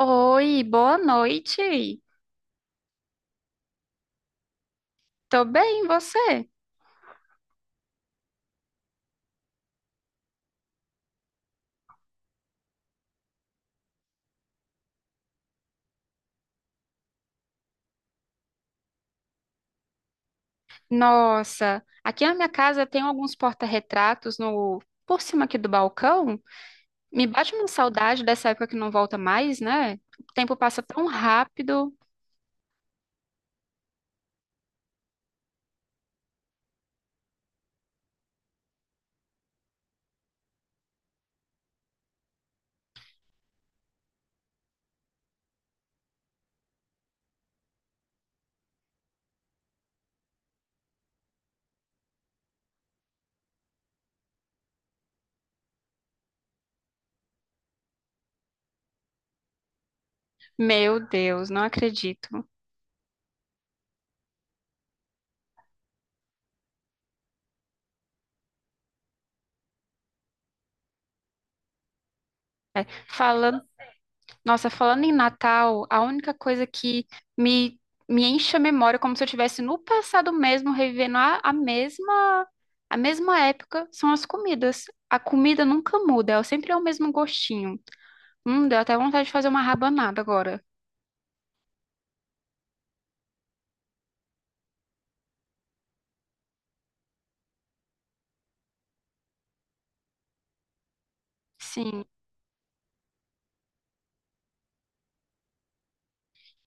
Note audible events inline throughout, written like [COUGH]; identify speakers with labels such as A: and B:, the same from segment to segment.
A: Oi, boa noite. Tô bem, e você? Nossa, aqui na minha casa tem alguns porta-retratos no por cima aqui do balcão. Me bate uma saudade dessa época que não volta mais, né? O tempo passa tão rápido. Meu Deus, não acredito. Falando Nossa, falando em Natal, a única coisa que me, me enche a memória, é como se eu estivesse no passado mesmo, revivendo a mesma época, são as comidas. A comida nunca muda, ela sempre é o mesmo gostinho. Deu até vontade de fazer uma rabanada agora. Sim.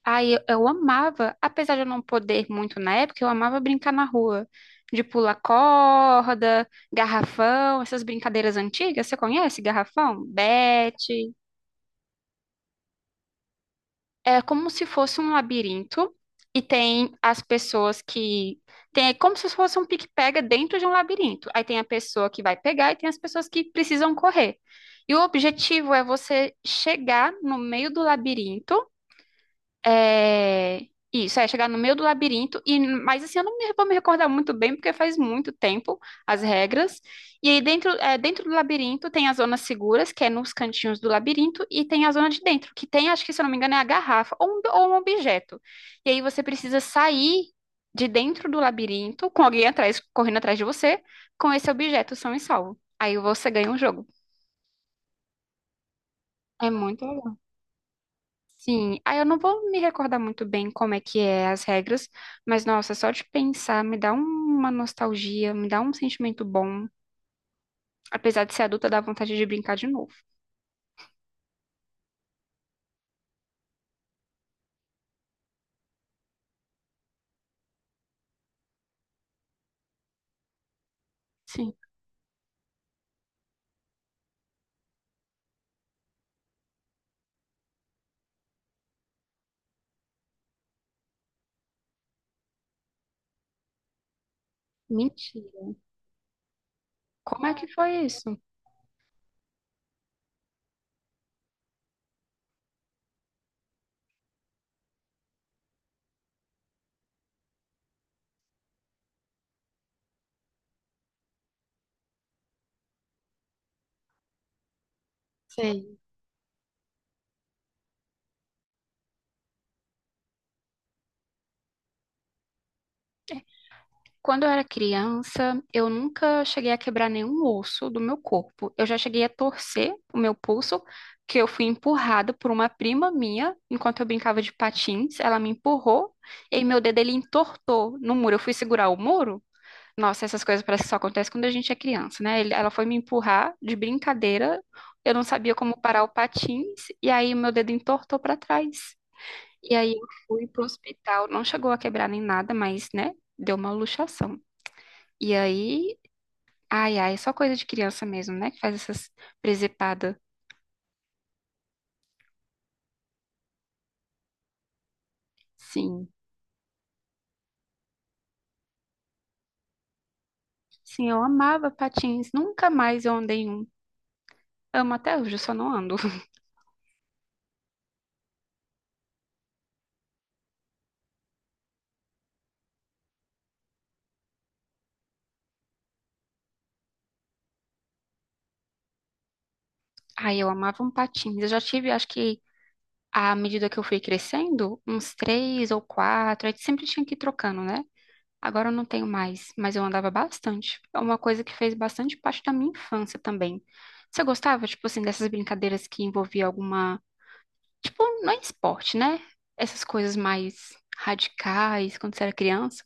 A: Aí eu amava, apesar de eu não poder muito na época, eu amava brincar na rua. De pular corda, garrafão, essas brincadeiras antigas. Você conhece garrafão? Bete. É como se fosse um labirinto e tem as pessoas que tem é como se fosse um pique-pega dentro de um labirinto. Aí tem a pessoa que vai pegar e tem as pessoas que precisam correr. E o objetivo é você chegar no meio do labirinto é... Isso, é chegar no meio do labirinto, e mas assim, eu não me- vou me recordar muito bem, porque faz muito tempo as regras. E aí dentro, é, dentro do labirinto tem as zonas seguras, que é nos cantinhos do labirinto, e tem a zona de dentro, que tem, acho que se eu não me engano, é a garrafa ou um objeto. E aí você precisa sair de dentro do labirinto, com alguém atrás, correndo atrás de você, com esse objeto são e salvo. Aí você ganha um jogo. É muito Sim, ah, eu não vou me recordar muito bem como é que é as regras, mas nossa, só de pensar me dá um- uma nostalgia, me dá um sentimento bom. Apesar de ser adulta, dá vontade de brincar de novo. Sim, Mentira. Como é que foi isso? Sei. Quando eu era criança, eu nunca cheguei a quebrar nenhum osso do meu corpo. Eu já cheguei a torcer o meu pulso, que eu fui empurrada por uma prima minha enquanto eu brincava de patins. Ela me empurrou e meu dedo ele entortou no muro. Eu fui segurar o muro. Nossa, essas coisas parece que só acontecem quando a gente é criança, né? Ela foi me empurrar de brincadeira, eu não sabia como parar o patins, e aí o meu dedo entortou para trás. E aí eu fui pro hospital, não chegou a quebrar nem nada, mas, né, deu uma luxação. E aí, ai, ai, é só coisa de criança mesmo, né, que faz essas presepadas. Sim, sim, eu amava patins, nunca mais eu andei em um. Amo até hoje, eu só não ando. [LAUGHS] Ai, eu amava um patins. Eu já tive, acho que à medida que eu fui crescendo, uns três ou quatro, aí sempre tinha que ir trocando, né? Agora eu não tenho mais, mas eu andava bastante. É uma coisa que fez bastante parte da minha infância também. Você gostava, tipo assim, dessas brincadeiras que envolvia alguma, tipo, não é esporte, né? Essas coisas mais radicais quando você era criança?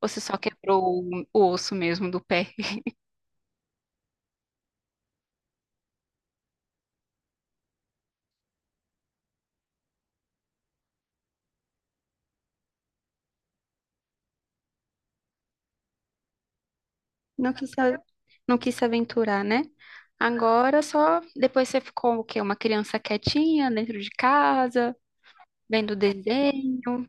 A: Ou você só quebrou o osso mesmo do pé? [LAUGHS] Não quis, se- não quis se aventurar, né? Agora só depois você ficou o quê? Uma criança quietinha dentro de casa, vendo desenho?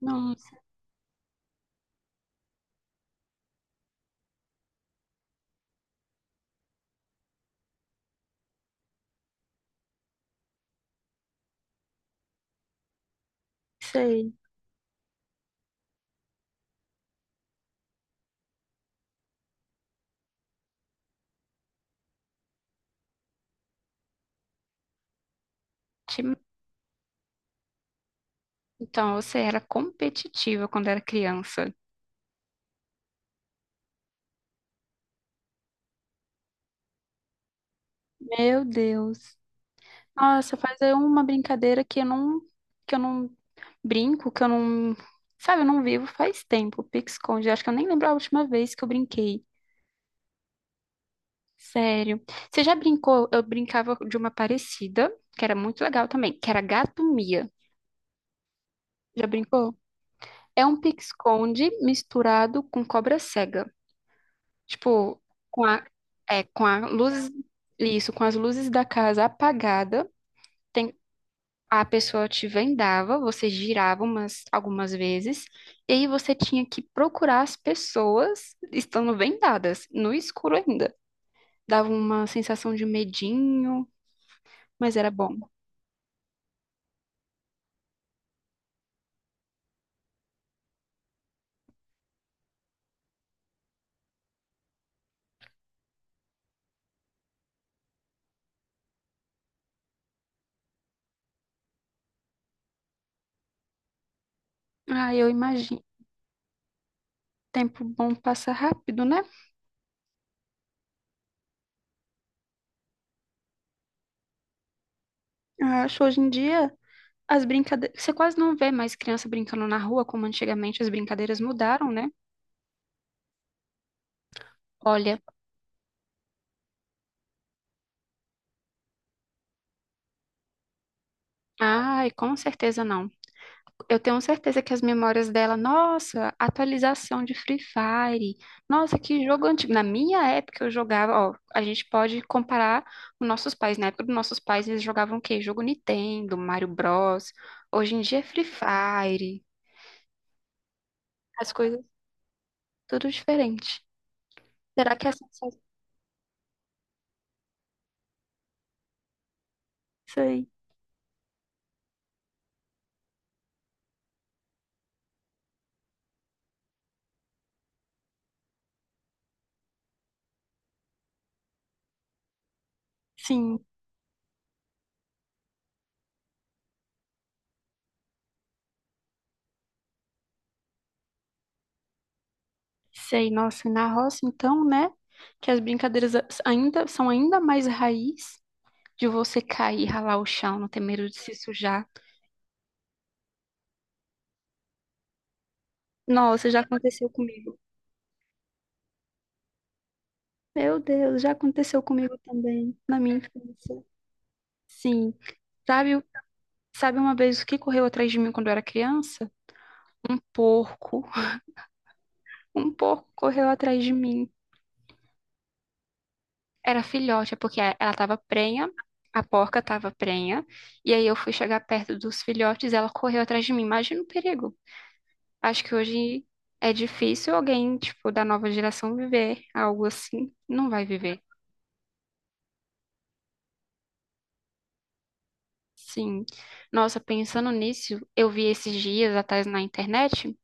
A: Não. Sei. te- Então, você era competitiva quando era criança. Meu Deus. Nossa, faz aí uma brincadeira que eu não brinco, que eu não, sabe, eu não vivo faz tempo. Pique-esconde. Acho que eu nem lembro a última vez que eu brinquei. Sério. Você já brincou? Eu brincava de uma parecida, que era muito legal também, que era gato mia. Já brincou? É um pique-esconde misturado com cobra cega. Tipo, com a, é, com a luz, isso, com as luzes da casa apagada, tem, a pessoa te vendava, algumas vezes, e aí você tinha que procurar as pessoas estando vendadas, no escuro ainda. Dava uma sensação de medinho, mas era bom. Ah, eu imagino. Tempo bom passa rápido, né? Eu acho hoje em dia as brincadeiras. Você quase não vê mais criança brincando na rua, como antigamente as brincadeiras mudaram, né? Olha. Ai, com certeza não. Eu tenho certeza que as memórias dela, nossa, atualização de Free Fire, nossa, que jogo antigo. Na minha época eu jogava, ó, a gente pode comparar os nossos pais. Na época dos nossos pais eles jogavam o quê? Jogo Nintendo, Mario Bros. Hoje em dia é Free Fire, as coisas tudo diferente. Será que é sensação? Sei, sim, sei. Nossa, e na roça então, né? Que as brincadeiras ainda são ainda mais raiz. De você cair, ralar o chão, não ter medo de se sujar. Nossa, já aconteceu comigo. Meu Deus, já aconteceu comigo também, na minha infância. Sim. Sabe, o- sabe uma vez o que correu atrás de mim quando eu era criança? Um porco. Um porco correu atrás de mim. Era filhote, é porque ela estava prenha, a porca estava prenha, e aí eu fui chegar perto dos filhotes e ela correu atrás de mim. Imagina o perigo. Acho que hoje é difícil alguém, tipo, da nova geração viver algo assim. Não vai viver. Sim. Nossa, pensando nisso, eu vi esses dias atrás na internet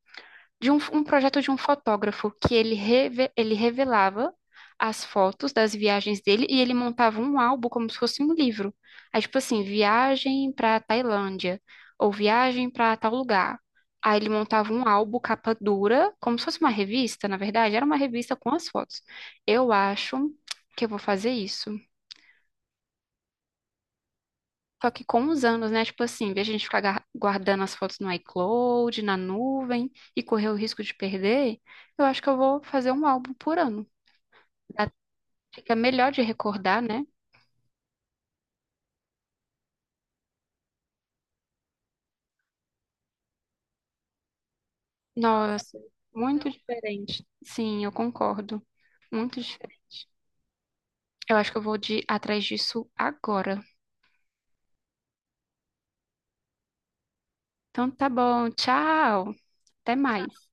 A: um projeto de um fotógrafo que ele revelava as fotos das viagens dele e ele montava um álbum como se fosse um livro. Aí, tipo assim, viagem para Tailândia ou viagem para tal lugar. Aí ele montava um álbum capa dura, como se fosse uma revista, na verdade, era uma revista com as fotos. Eu acho que eu vou fazer isso. Só que com os anos, né? Tipo assim, em vez de a gente guardando as fotos no iCloud, na nuvem e correr o risco de perder, eu acho que eu vou fazer um álbum por ano. Dá- Fica melhor de recordar, né? Nossa, muito diferente. Sim, eu concordo. Muito diferente. Eu acho que eu vou de atrás disso agora. Então tá bom, tchau. Até mais.